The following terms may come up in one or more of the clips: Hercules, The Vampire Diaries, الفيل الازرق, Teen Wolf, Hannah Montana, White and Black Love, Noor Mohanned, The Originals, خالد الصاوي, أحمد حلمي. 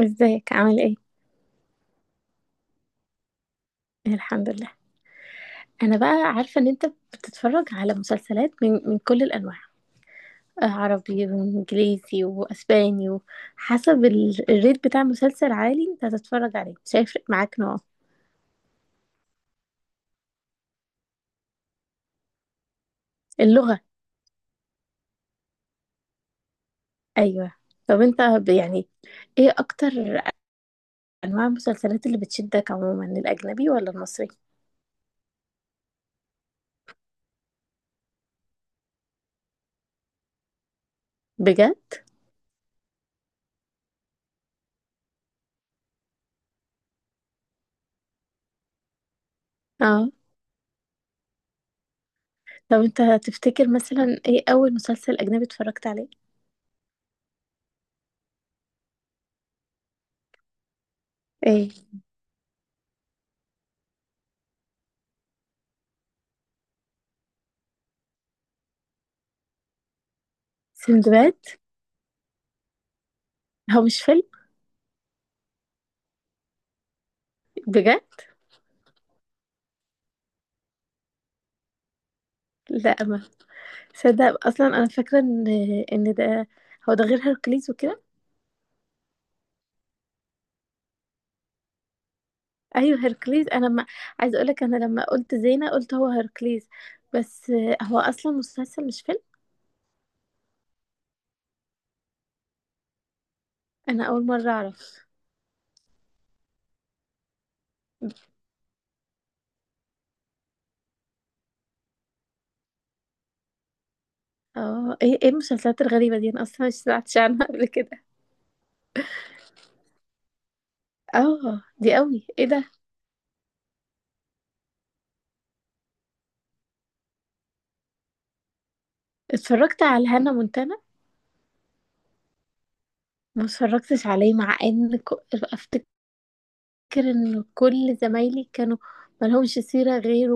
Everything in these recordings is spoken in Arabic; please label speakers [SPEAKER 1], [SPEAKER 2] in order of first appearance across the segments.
[SPEAKER 1] ازيك عامل ايه؟ الحمد لله. انا بقى عارفه ان انت بتتفرج على مسلسلات من كل الانواع. آه، عربي وانجليزي واسباني، وحسب الريت بتاع مسلسل عالي انت هتتفرج عليه، مش هيفرق معاك نوعه. اللغه. ايوه. طب انت يعني ايه اكتر انواع المسلسلات اللي بتشدك عموما، الاجنبي ولا المصري؟ بجد؟ اه. طب انت تفتكر مثلا ايه اول مسلسل اجنبي اتفرجت عليه؟ ايه؟ سندباد. هو مش فيلم؟ بجد؟ لا، ما صدق اصلا. انا فاكره ان ده، هو ده غير هيركليز وكده. ايوه، هيركليز. انا ما عايزه اقول لك، انا لما قلت زينه قلت هو هيركليز. بس هو اصلا مسلسل مش فيلم. انا اول مره اعرف. اه. ايه المسلسلات الغريبه دي؟ انا اصلا مش سمعتش عنها قبل كده. اه، دي قوي. ايه ده؟ اتفرجت على هانا مونتانا. ما اتفرجتش عليه. افتكر ان كل زمايلي كانوا ملهمش سيره غيره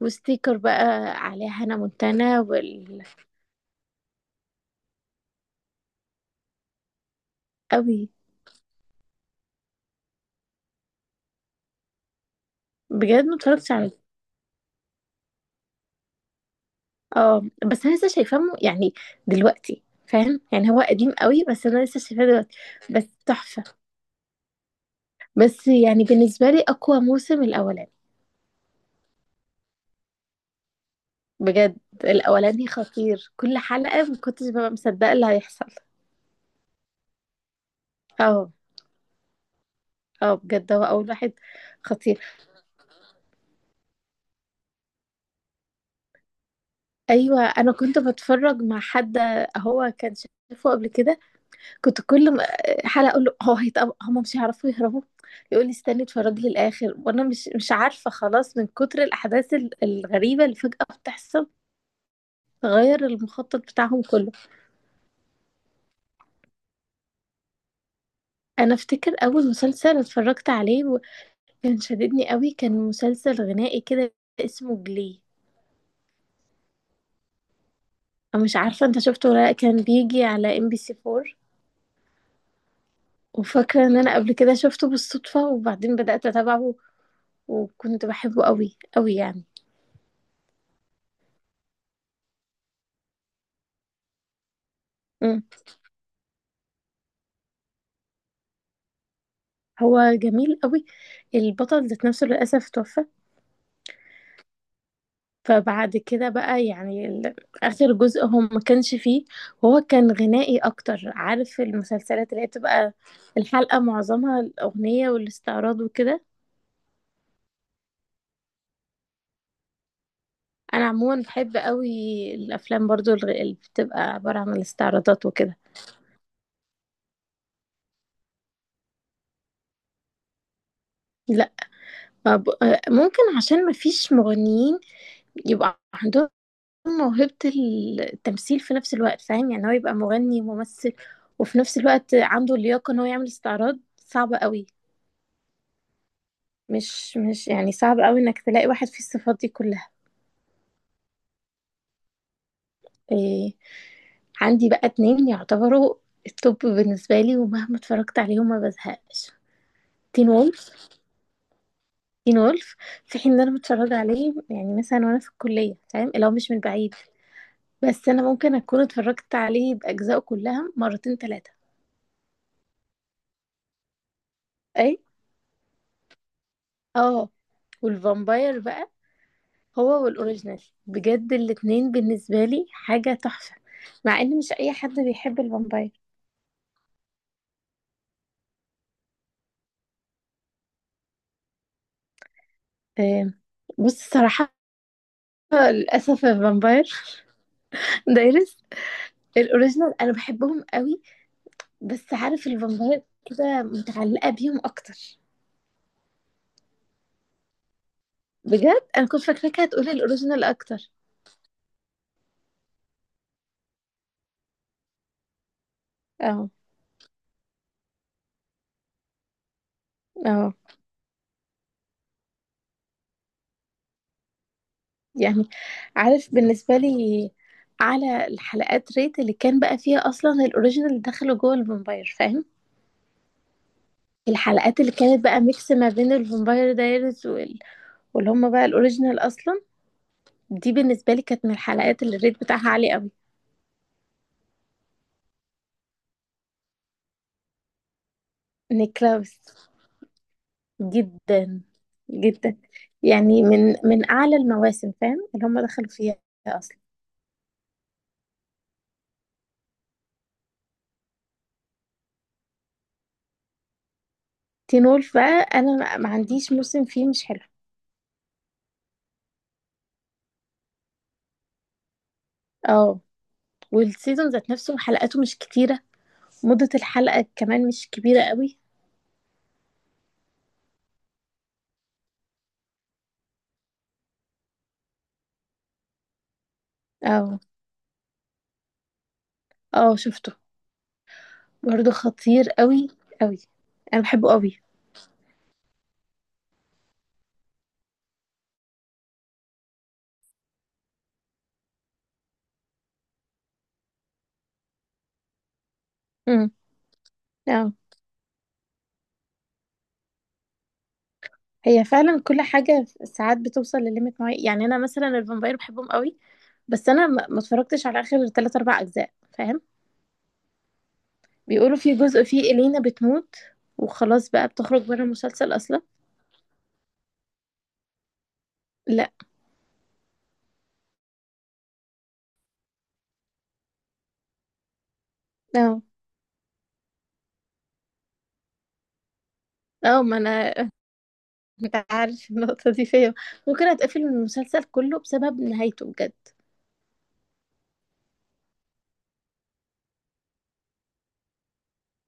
[SPEAKER 1] وستيكر بقى على هانا مونتانا. قوي. بجد ما اتفرجتش عليه. اه بس انا لسه شايفاه يعني دلوقتي، فاهم؟ يعني هو قديم قوي بس انا لسه شايفاه دلوقتي. بس تحفة. بس يعني بالنسبة لي اقوى موسم الاولاني. بجد. الاولاني خطير، كل حلقة ما كنتش ببقى مصدقة اللي هيحصل. اه اه، بجد هو اول واحد خطير. ايوه، انا كنت بتفرج مع حد هو كان شايفه قبل كده. كنت كل حلقة اقول له هو هم مش هيعرفوا يهربوا. يقول لي استني اتفرج لي الاخر، وانا مش عارفة خلاص من كتر الاحداث الغريبة اللي فجأة بتحصل، غير المخطط بتاعهم كله. انا افتكر اول مسلسل اتفرجت عليه وكان شددني قوي كان مسلسل غنائي كده، اسمه جلي. انا مش عارفة انت شفته ولا لأ، كان بيجي على ام بي سي 4. وفاكرة ان انا قبل كده شفته بالصدفة وبعدين بدأت اتابعه، وكنت بحبه قوي قوي يعني. هو جميل قوي. البطل ذات نفسه للأسف توفى. فبعد كده بقى يعني آخر جزء هو ما كانش فيه. وهو كان غنائي أكتر، عارف المسلسلات اللي هي بتبقى الحلقة معظمها الأغنية والاستعراض وكده. أنا عموما بحب قوي الأفلام برضو، اللي بتبقى عبارة عن الاستعراضات وكده. لا، ما ممكن عشان ما فيش مغنيين يبقى عندهم موهبة التمثيل في نفس الوقت، فاهم؟ يعني هو يبقى مغني وممثل، وفي نفس الوقت عنده اللياقة ان هو يعمل استعراض، صعبة قوي. مش يعني صعب قوي انك تلاقي واحد فيه الصفات دي كلها. إيه؟ عندي بقى اتنين يعتبروا التوب بالنسبة لي، ومهما اتفرجت عليهم ما بزهقش. تين وولف. تين وولف، في حين ان انا متفرجة عليه يعني مثلا وانا في الكلية، فاهم؟ لو مش من بعيد. بس انا ممكن اكون اتفرجت عليه باجزائه كلها مرتين ثلاثة. اه، والفامباير بقى هو والاوريجينال بجد الاتنين بالنسبة لي حاجة تحفة، مع ان مش اي حد بيحب الفامباير. آه، بص الصراحة، للأسف الفامباير دايرس، الاوريجينال انا بحبهم قوي بس، عارف، الفامباير كده متعلقة بيهم اكتر. بجد انا كنت فاكراك هتقولي الاوريجينال اكتر. اه اه، يعني عارف، بالنسبة لي على الحلقات ريت اللي كان بقى فيها اصلا الاوريجينال دخلوا جوه الفامباير، فاهم؟ الحلقات اللي كانت بقى ميكس ما بين الفامباير دايرز واللي هم بقى الاوريجينال اصلا، دي بالنسبه لي كانت من الحلقات اللي الريت بتاعها عالي قوي. نيكلاوس. جدا جدا، يعني من اعلى المواسم، فاهم؟ اللي هم دخلوا فيها اصلا. تين وولف بقى انا ما عنديش موسم فيه مش حلو. اه، والسيزون ذات نفسه حلقاته مش كتيره، مده الحلقه كمان مش كبيره قوي. اه اه، شفته. برضه خطير قوي قوي. انا بحبه قوي. امم اه هي فعلا كل حاجة ساعات بتوصل لليميت معين. يعني أنا مثلا الفامباير بحبهم قوي بس أنا ما اتفرجتش على آخر تلات أربع أجزاء، فاهم؟ بيقولوا في جزء فيه إلينا بتموت، وخلاص بقى بتخرج بره المسلسل أصلا. لا. اه اه، ما أنا أنت عارف النقطة دي فيا، ممكن أتقفل من المسلسل كله بسبب نهايته بجد.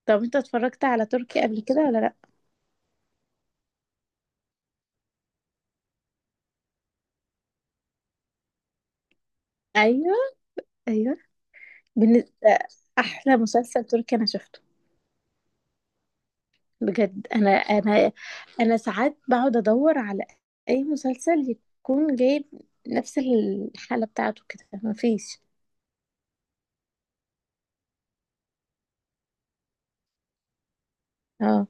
[SPEAKER 1] طب أنت اتفرجت على تركي قبل كده ولا لأ؟ أيوه أيوه، بالنسبة أحلى مسلسل تركي أنا شفته. بجد انا ساعات بقعد ادور على اي مسلسل يكون جايب نفس الحالة بتاعته كده، مفيش. اه،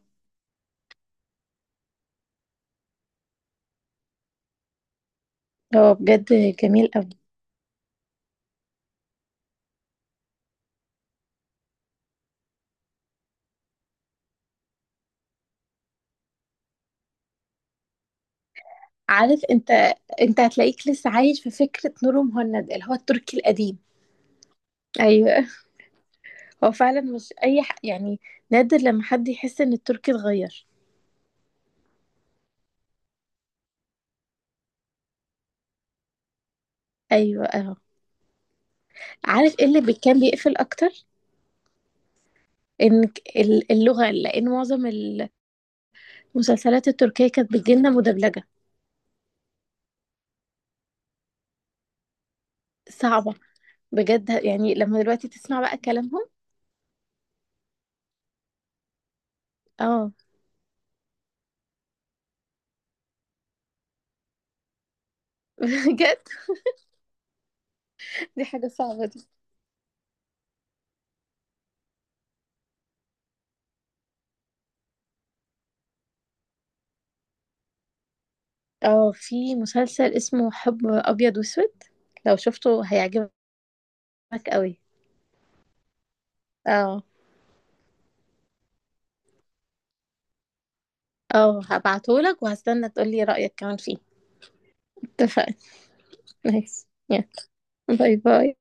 [SPEAKER 1] هو بجد جميل قوي. عارف انت هتلاقيك لسه عايش في فكرة نور مهند اللي هو التركي القديم. ايوه، هو فعلا مش اي يعني نادر لما حد يحس ان التركي اتغير. ايوه، اه. عارف ايه اللي كان بيقفل اكتر؟ ان اللغة، لان معظم المسلسلات التركية كانت بتجيلنا مدبلجة، صعبة. بجد يعني لما دلوقتي تسمع بقى كلامهم. اه، بجد دي حاجة صعبة دي. اه، في مسلسل اسمه حب أبيض وأسود، لو شفته هيعجبك قوي. اه اه، هبعتهولك وهستنى تقولي رأيك كمان فيه. اتفقنا. نايس، يلا. باي باي.